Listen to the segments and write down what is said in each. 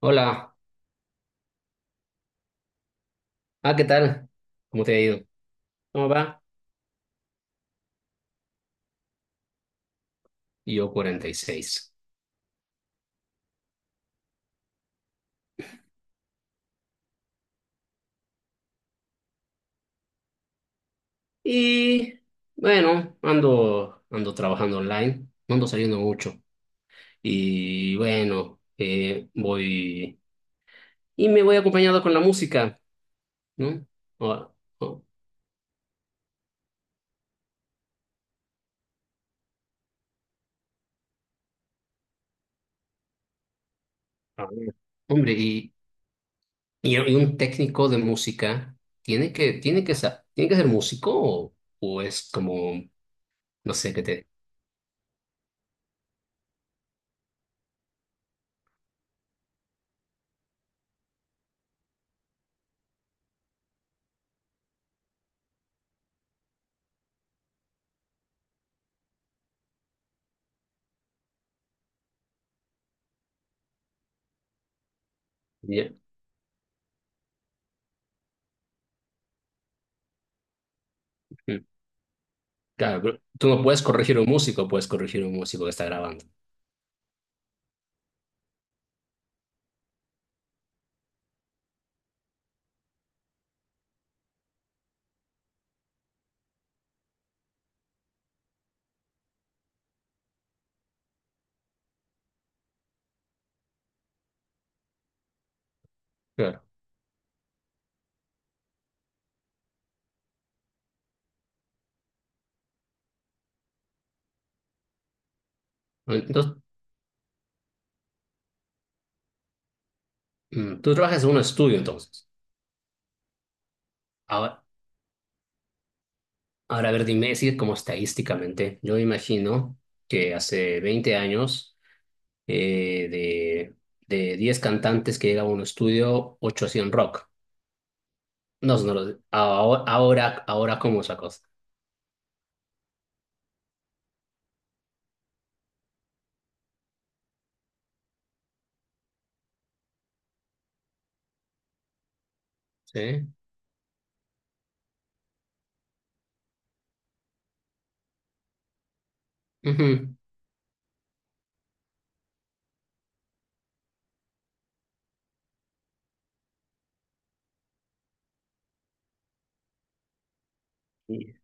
Hola, ¿qué tal? ¿Cómo te ha ido? ¿Cómo va? Y yo 46. Y seis. Y bueno, ando trabajando online, no ando saliendo mucho. Y bueno, voy y me voy acompañado con la música, ¿no? O- o- a ver, hombre, y un técnico de música tiene que ser músico o, es como, no sé, qué te... Ya, mm, claro, pero tú no puedes corregir a un músico, puedes corregir a un músico que está grabando. Claro. Entonces, tú trabajas en un estudio, entonces. Ahora, ahora, a ver, dime, si como estadísticamente, yo imagino que hace 20 años, de, 10 cantantes que llegaban a un estudio, 8 hacían rock. No, ahora como esa cosa. Sí. Ujú. Y,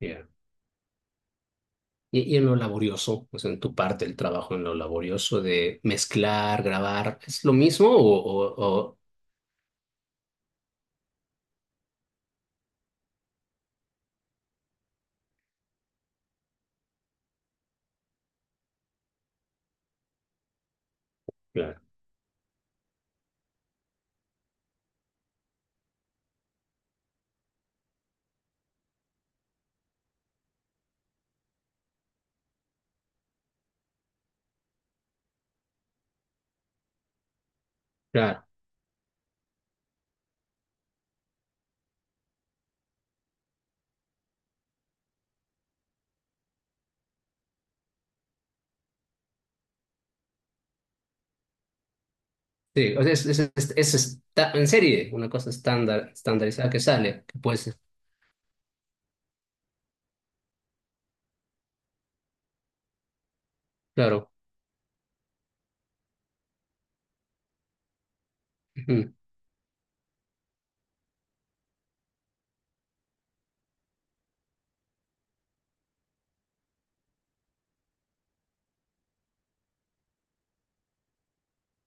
yeah. Y en lo laborioso, o sea, en tu parte el trabajo, en lo laborioso de mezclar, grabar, ¿es lo mismo o...? O, o... Claro, claro. Sí, o sea, en serie, una cosa estándar, estandarizada que sale, que puede ser, claro. Ujú.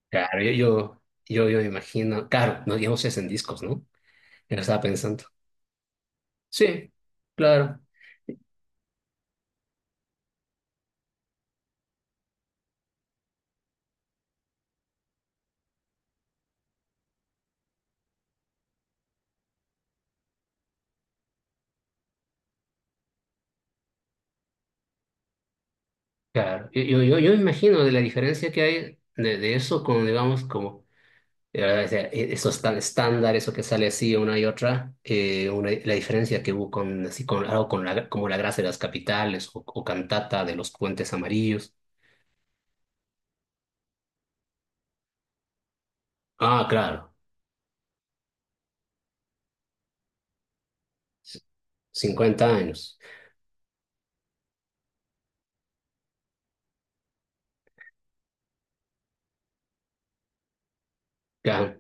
Claro, yo me imagino, claro, no, digamos es en discos, ¿no? Yo lo estaba pensando. Sí, claro, claro. Yo me imagino de la diferencia que hay de, eso con, digamos, como, o sea, eso es tan estándar, eso que sale así una y otra, la diferencia que hubo con, así, con algo con la, como la grasa de las capitales o, cantata de los puentes amarillos. Ah, claro. Cincuenta años. Claro,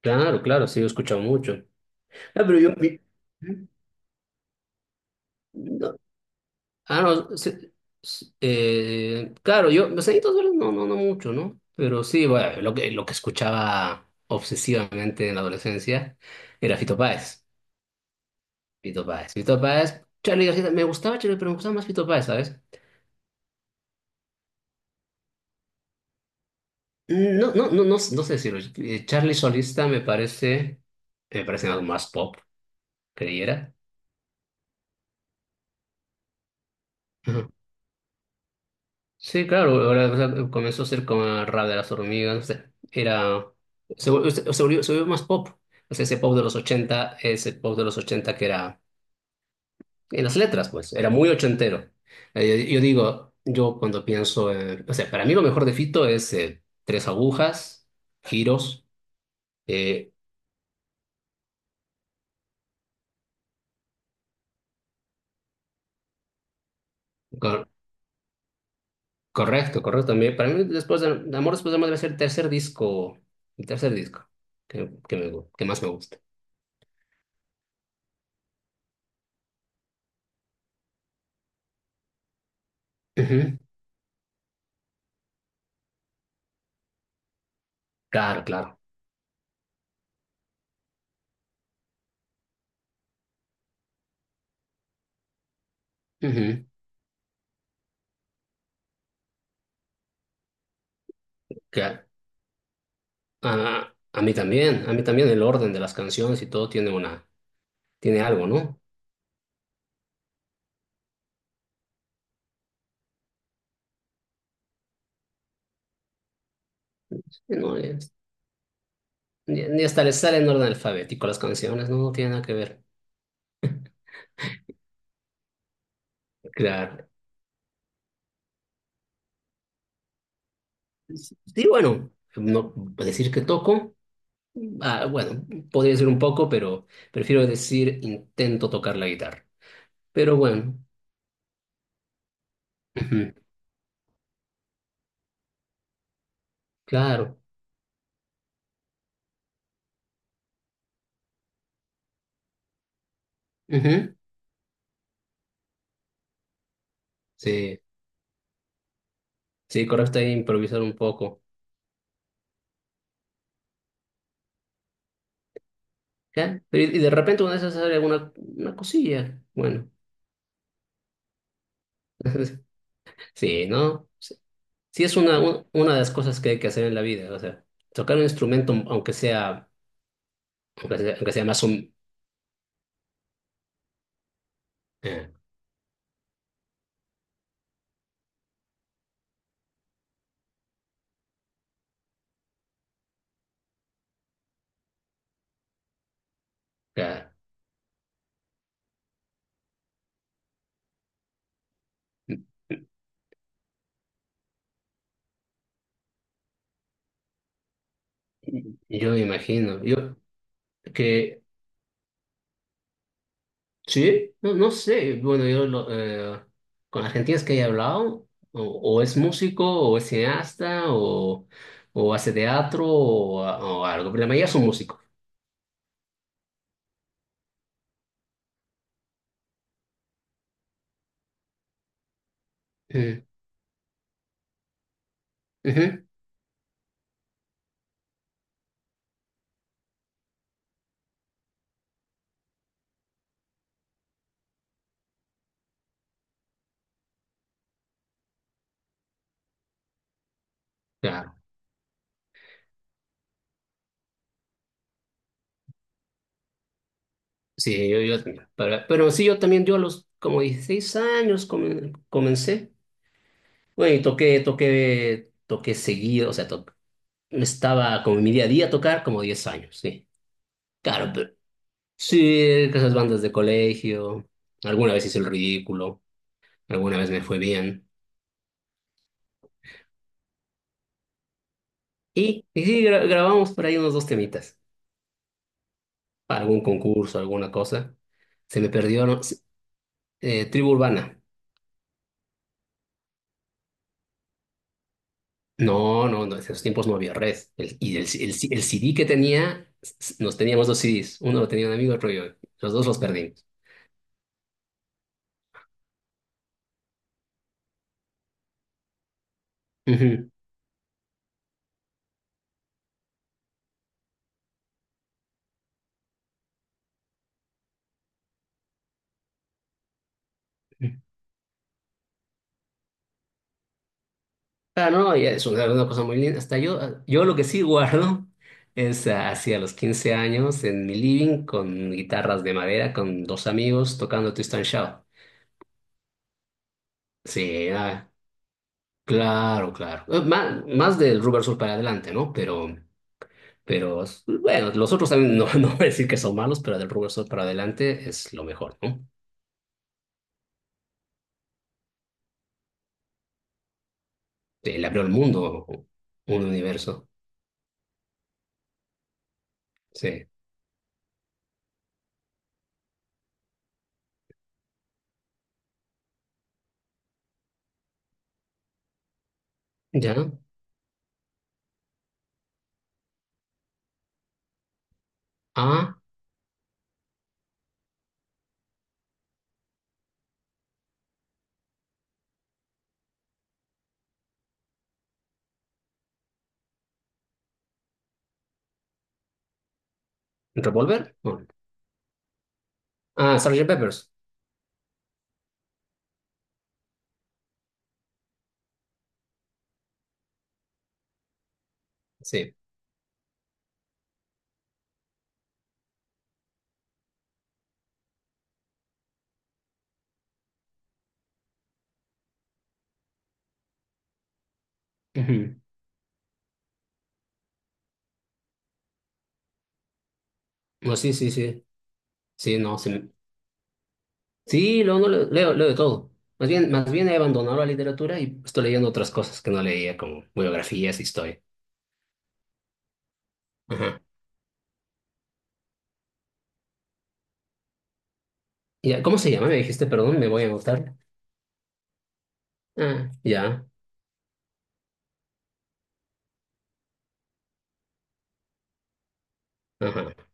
claro, claro, sí, he escuchado mucho. Ah, pero yo... no, no, claro, yo, los añitos verdes no, no, no mucho, ¿no? Pero sí, bueno, lo que escuchaba obsesivamente en la adolescencia era Fito Páez. Fito Páez, Fito Páez, Charlie García, me gustaba Charlie, pero me gustaba más Fito Páez, ¿sabes? Mm, no, no, no, no, no sé decirlo. Charlie Solista me parece, algo más pop, creyera. Sí, claro, ahora, o sea, comenzó a ser como el rap de las hormigas, o sea, era, se, vol- se se volvió más pop, o sea, ese pop de los 80 que era, en las letras, pues, era muy ochentero. Yo digo, yo cuando pienso, o sea, para mí lo mejor de Fito es tres agujas, giros, eh, cor- correcto, correcto, también, para mí después de, Amor después de Amor debe ser el tercer disco, el tercer disco que más me gusta. Ujú, claro, claro. Ujú. Claro. A mí también, a mí también el orden de las canciones y todo tiene algo, ¿no? No, ni, hasta les sale en orden alfabético las canciones, no, no tiene nada que ver. Claro. Sí, bueno, no decir que toco, bueno, podría decir un poco, pero prefiero decir intento tocar la guitarra. Pero bueno, ujú, claro. Ujú, sí, sí, correcto, ahí improvisar un poco. ¿Ya? Pero y de repente una de sale alguna una cosilla. Bueno. Sí, ¿no? Sí, es una, una de las cosas que hay que hacer en la vida, o sea, tocar un instrumento, aunque sea más un... eh, o sea, yo me imagino, yo que... Sí, no, no sé, bueno, yo lo, con argentinos que he hablado, o es músico, o es cineasta, o hace teatro, o algo, pero la mayoría son músicos. Mm, ujú, claro, sí, pero sí, yo también, yo a los como 16 años comencé. Güey, toqué seguido, o sea, estaba como en mi día a día tocar como 10 años, sí. Claro, pero sí, que esas bandas de colegio, alguna vez hice el ridículo, alguna vez me fue bien. Y sí, grabamos por ahí unos dos temitas, para algún concurso, alguna cosa. Se me perdió, ¿no? Tribu Urbana. No, no, no, en esos tiempos no había red. Y el CD que tenía, nos teníamos dos CDs, uno lo tenía un amigo, otro yo. Los dos los perdimos. Ujú. Ah, no, ya es una cosa muy linda. Hasta yo, yo lo que sí guardo es hacia los 15 años en mi living con guitarras de madera, con dos amigos tocando Twist and Shout. Sí, claro, claro. Más del Rubber Soul para adelante, ¿no? Pero, bueno, los otros también no, no voy a decir que son malos, pero del Rubber Soul para adelante es lo mejor, ¿no? Sí, le abrió el mundo, un universo. Sí. ¿Ya? Ah, ¿Revolver? No. Ah, Sergeant Peppers. Sí. No, sí, sí, sí. Sí, no, sí. Sí, luego no leo, leo de todo. Más bien he abandonado la literatura y estoy leyendo otras cosas que no leía, como biografías, historia. Ajá. Ya, ¿cómo se llama? Me dijiste, perdón, me voy a gustar. Ah, ya. Ajá.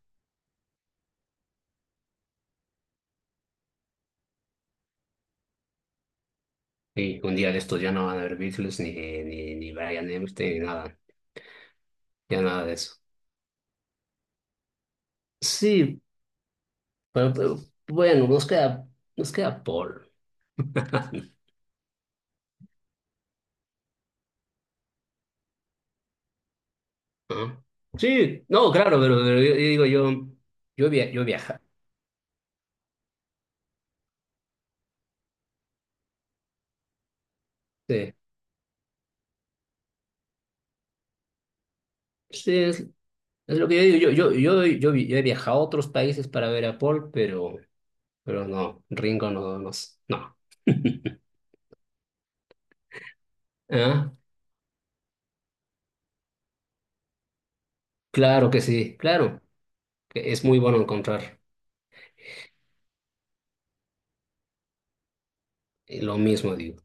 Y un día de estos ya no van a haber Beatles, ni Brian Epstein, ni nada. Ya nada de eso. Sí, pero, bueno, nos queda Paul. Ah. Sí, no, claro, pero yo digo, yo viaja. Sí. Sí, es lo que yo digo, yo he viajado a otros países para ver a Paul, pero no, Ringo no, no, no. ¿Ah? Claro que sí, claro, que es muy bueno encontrar lo mismo, digo.